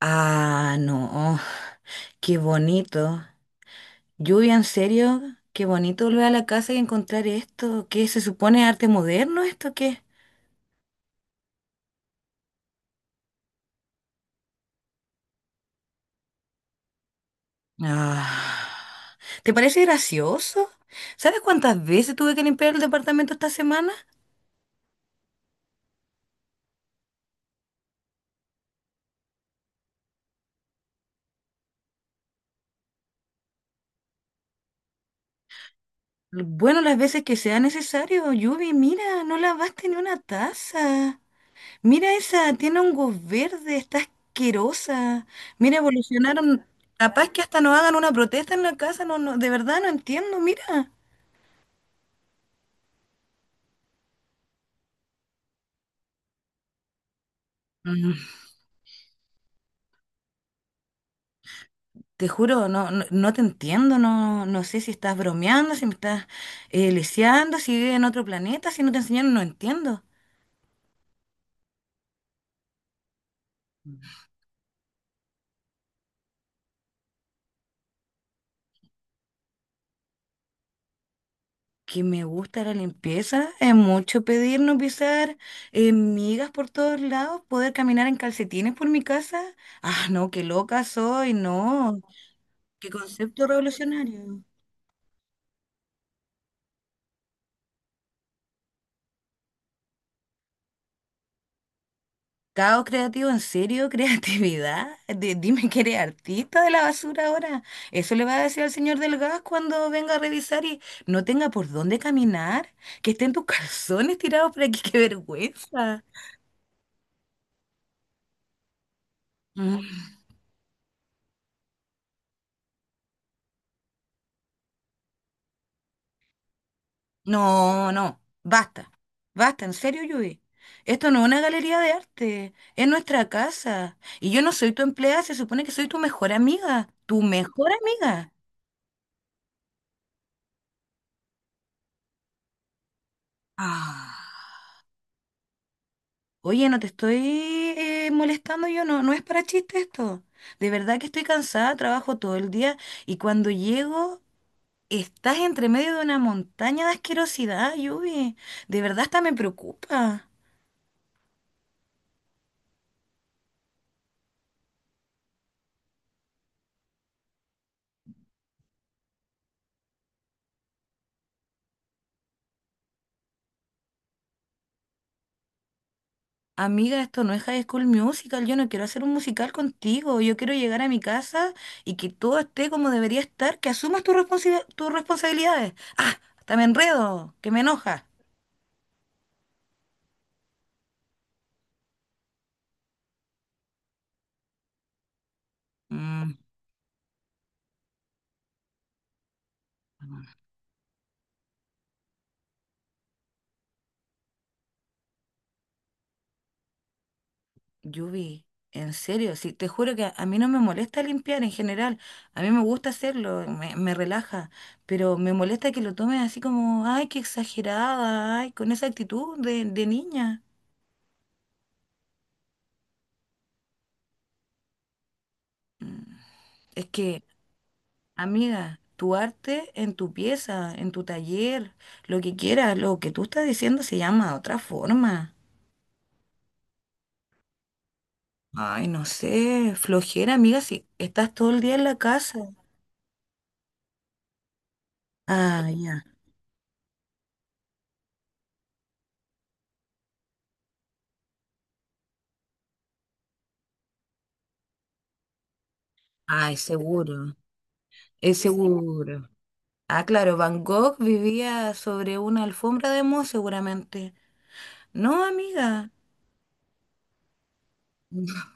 Ah, no, qué bonito. Lluvia, en serio, qué bonito volver a la casa y encontrar esto. ¿Qué se supone arte moderno esto? ¿Qué? Ah, ¿te parece gracioso? ¿Sabes cuántas veces tuve que limpiar el departamento esta semana? Bueno, las veces que sea necesario. Lluvia, mira, no lavaste ni una taza. Mira esa, tiene hongos verdes, está asquerosa. Mira, evolucionaron. Capaz que hasta nos hagan una protesta en la casa, no, no, de verdad no entiendo, mira. Mm, Te juro, no, no, no te entiendo, no, no sé si estás bromeando, si me estás lisiando, si vives en otro planeta, si no te enseñaron, no entiendo. Que me gusta la limpieza, es mucho pedir no pisar migas por todos lados, poder caminar en calcetines por mi casa. Ah, no, qué loca soy, no. ¿Qué concepto revolucionario? Caos creativo, ¿en serio? ¿Creatividad? Dime que eres artista de la basura ahora. Eso le va a decir al señor del gas cuando venga a revisar y no tenga por dónde caminar. Que estén tus calzones tirados por aquí, qué vergüenza. Mm, No, no, basta. Basta, en serio, Yui. Esto no es una galería de arte, es nuestra casa. Y yo no soy tu empleada, se supone que soy tu mejor amiga. Tu mejor amiga. Ah. Oye, no te estoy molestando yo, no, no es para chiste esto. De verdad que estoy cansada, trabajo todo el día y cuando llego estás entre medio de una montaña de asquerosidad, Yubi. De verdad hasta me preocupa. Amiga, esto no es High School Musical, yo no quiero hacer un musical contigo, yo quiero llegar a mi casa y que todo esté como debería estar, que asumas tus responsabilidades. Ah, hasta me enredo, que me enoja. Mm. Yubi, en serio, sí, te juro que a mí no me molesta limpiar en general, a mí me gusta hacerlo, me relaja, pero me molesta que lo tomes así como, ay, qué exagerada, ay, con esa actitud de niña. Es que, amiga, tu arte en tu pieza, en tu taller, lo que quieras, lo que tú estás diciendo se llama de otra forma. Ay, no sé, flojera, amiga, si estás todo el día en la casa. Ah, ya. Ay, seguro, es seguro. Ah, claro, Van Gogh vivía sobre una alfombra de moho seguramente. No, amiga.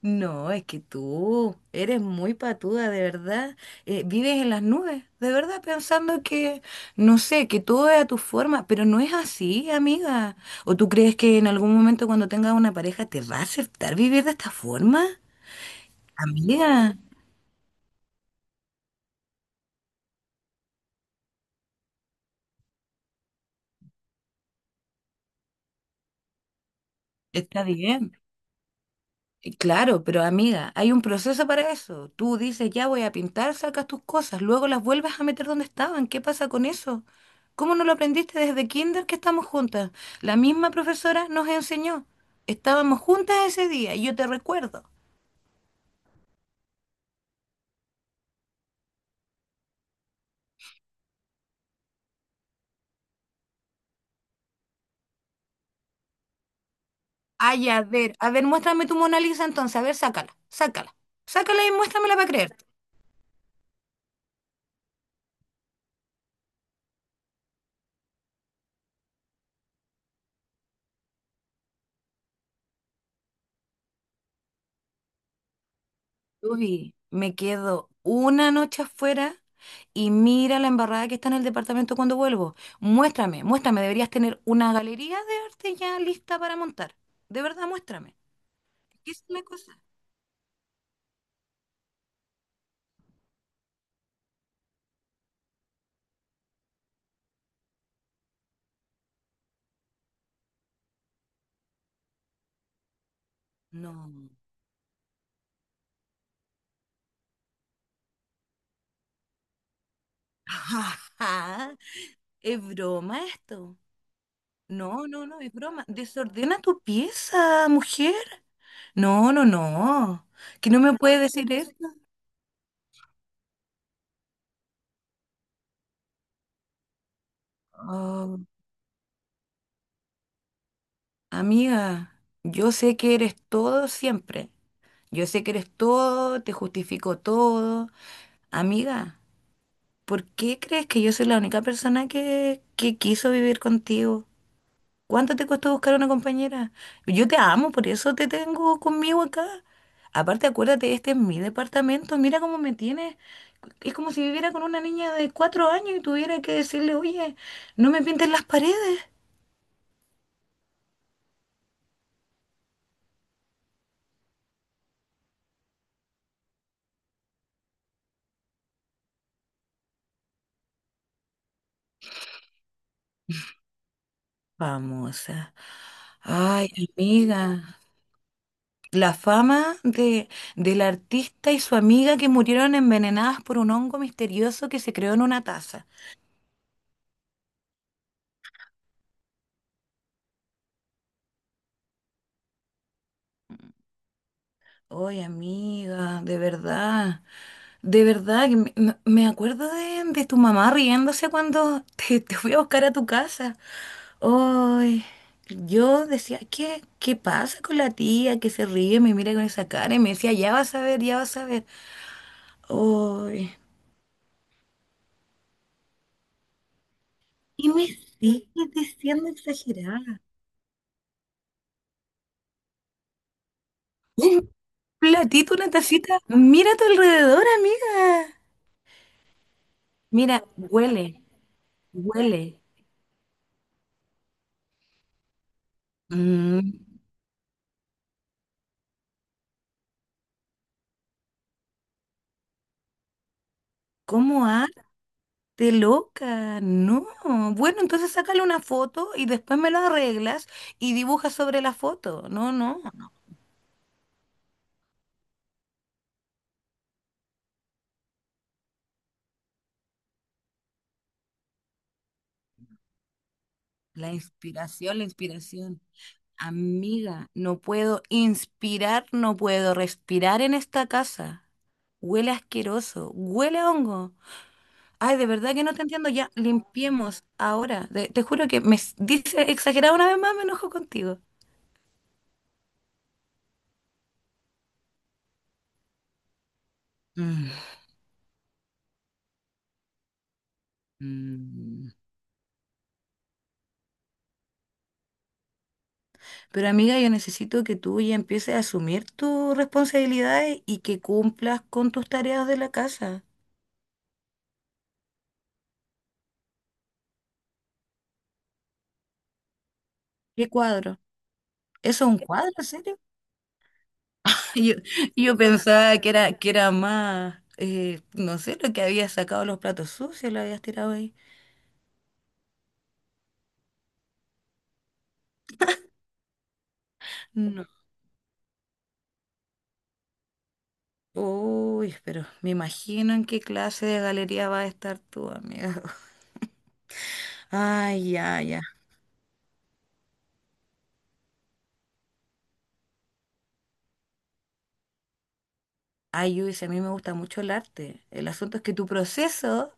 No, es que tú eres muy patuda, de verdad. Vives en las nubes, de verdad, pensando que, no sé, que todo es a tu forma, pero no es así, amiga. ¿O tú crees que en algún momento cuando tengas una pareja te va a aceptar vivir de esta forma? Amiga, está bien. Y claro, pero amiga, hay un proceso para eso. Tú dices, ya voy a pintar, sacas tus cosas, luego las vuelves a meter donde estaban. ¿Qué pasa con eso? ¿Cómo no lo aprendiste desde kinder que estamos juntas? La misma profesora nos enseñó. Estábamos juntas ese día y yo te recuerdo. Ay, a ver, muéstrame tu Mona Lisa entonces. A ver, sácala, sácala. Sácala y muéstramela para creerte. Uy, me quedo una noche afuera y mira la embarrada que está en el departamento cuando vuelvo. Muéstrame, muéstrame, deberías tener una galería de arte ya lista para montar. De verdad, muéstrame. ¿Qué es la cosa? No. ¿Es broma esto? No, no, no, es broma. Desordena tu pieza, mujer. No, no, no. Que no me puedes decir eso. Oh, amiga, yo sé que eres todo siempre. Yo sé que eres todo, te justifico todo. Amiga. ¿Por qué crees que yo soy la única persona que quiso vivir contigo? ¿Cuánto te costó buscar una compañera? Yo te amo, por eso te tengo conmigo acá. Aparte, acuérdate, este es mi departamento, mira cómo me tienes. Es como si viviera con una niña de cuatro años y tuviera que decirle, oye, no me pintes las paredes. Famosa. Ay, amiga. La fama de, del artista y su amiga que murieron envenenadas por un hongo misterioso que se creó en una taza. Oye, amiga, de verdad, que me acuerdo de tu mamá riéndose cuando te fui a buscar a tu casa. Ay, yo decía, ¿qué, qué pasa con la tía que se ríe, me mira con esa cara y me decía, ya vas a ver, ya vas a ver. Ay, y me sigues diciendo exagerada. Un platito, una tacita. Mira a tu alrededor, amiga. Mira, huele, huele. Mm, ¿Cómo ha? De loca, no. Bueno, entonces sácale una foto y después me lo arreglas y dibuja sobre la foto. No, no, no. La inspiración, la inspiración. Amiga, no puedo inspirar, no puedo respirar en esta casa. Huele asqueroso, huele a hongo. Ay, de verdad que no te entiendo. Ya, limpiemos ahora. Te juro que dice exagerado una vez más, me enojo contigo. Mm, mm. Pero amiga, yo necesito que tú ya empieces a asumir tus responsabilidades y que cumplas con tus tareas de la casa. ¿Qué cuadro? ¿Eso es un cuadro, en serio? Yo, yo pensaba que era más, no sé, lo que habías sacado los platos sucios, lo habías tirado ahí. No. Uy, pero me imagino en qué clase de galería vas a estar tú, amiga. Ay, ya, ya. Ay, Luis, a mí me gusta mucho el arte. El asunto es que tu proceso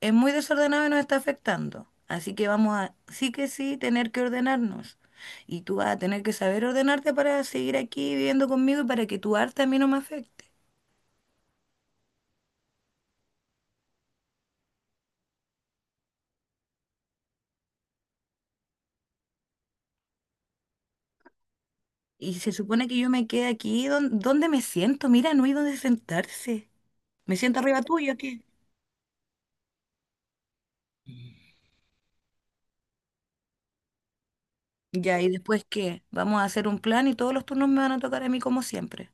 es muy desordenado y nos está afectando. Así que vamos a, sí que sí, tener que ordenarnos. Y tú vas a tener que saber ordenarte para seguir aquí viviendo conmigo y para que tu arte a mí no me afecte. Y se supone que yo me quede aquí. Dónde, me siento? Mira, no hay dónde sentarse. ¿Me siento arriba tuyo aquí? Ya, ¿y después qué? Vamos a hacer un plan y todos los turnos me van a tocar a mí como siempre.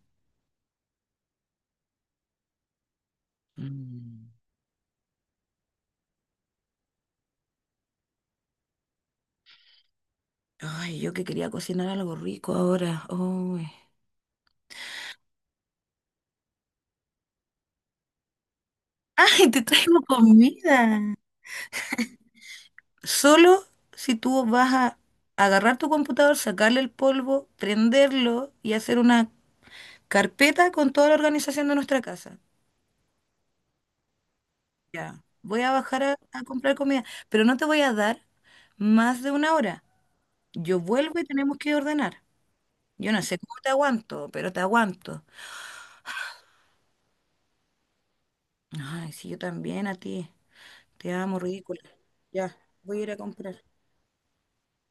Mm. Ay, yo que quería cocinar algo rico ahora. Ay, ay, te traigo comida. Solo si tú vas a agarrar tu computador, sacarle el polvo, prenderlo y hacer una carpeta con toda la organización de nuestra casa. Ya, voy a bajar a comprar comida, pero no te voy a dar más de una hora. Yo vuelvo y tenemos que ordenar. Yo no sé cómo te aguanto, pero te aguanto. Ay, si yo también a ti. Te amo, ridícula. Ya, voy a ir a comprar.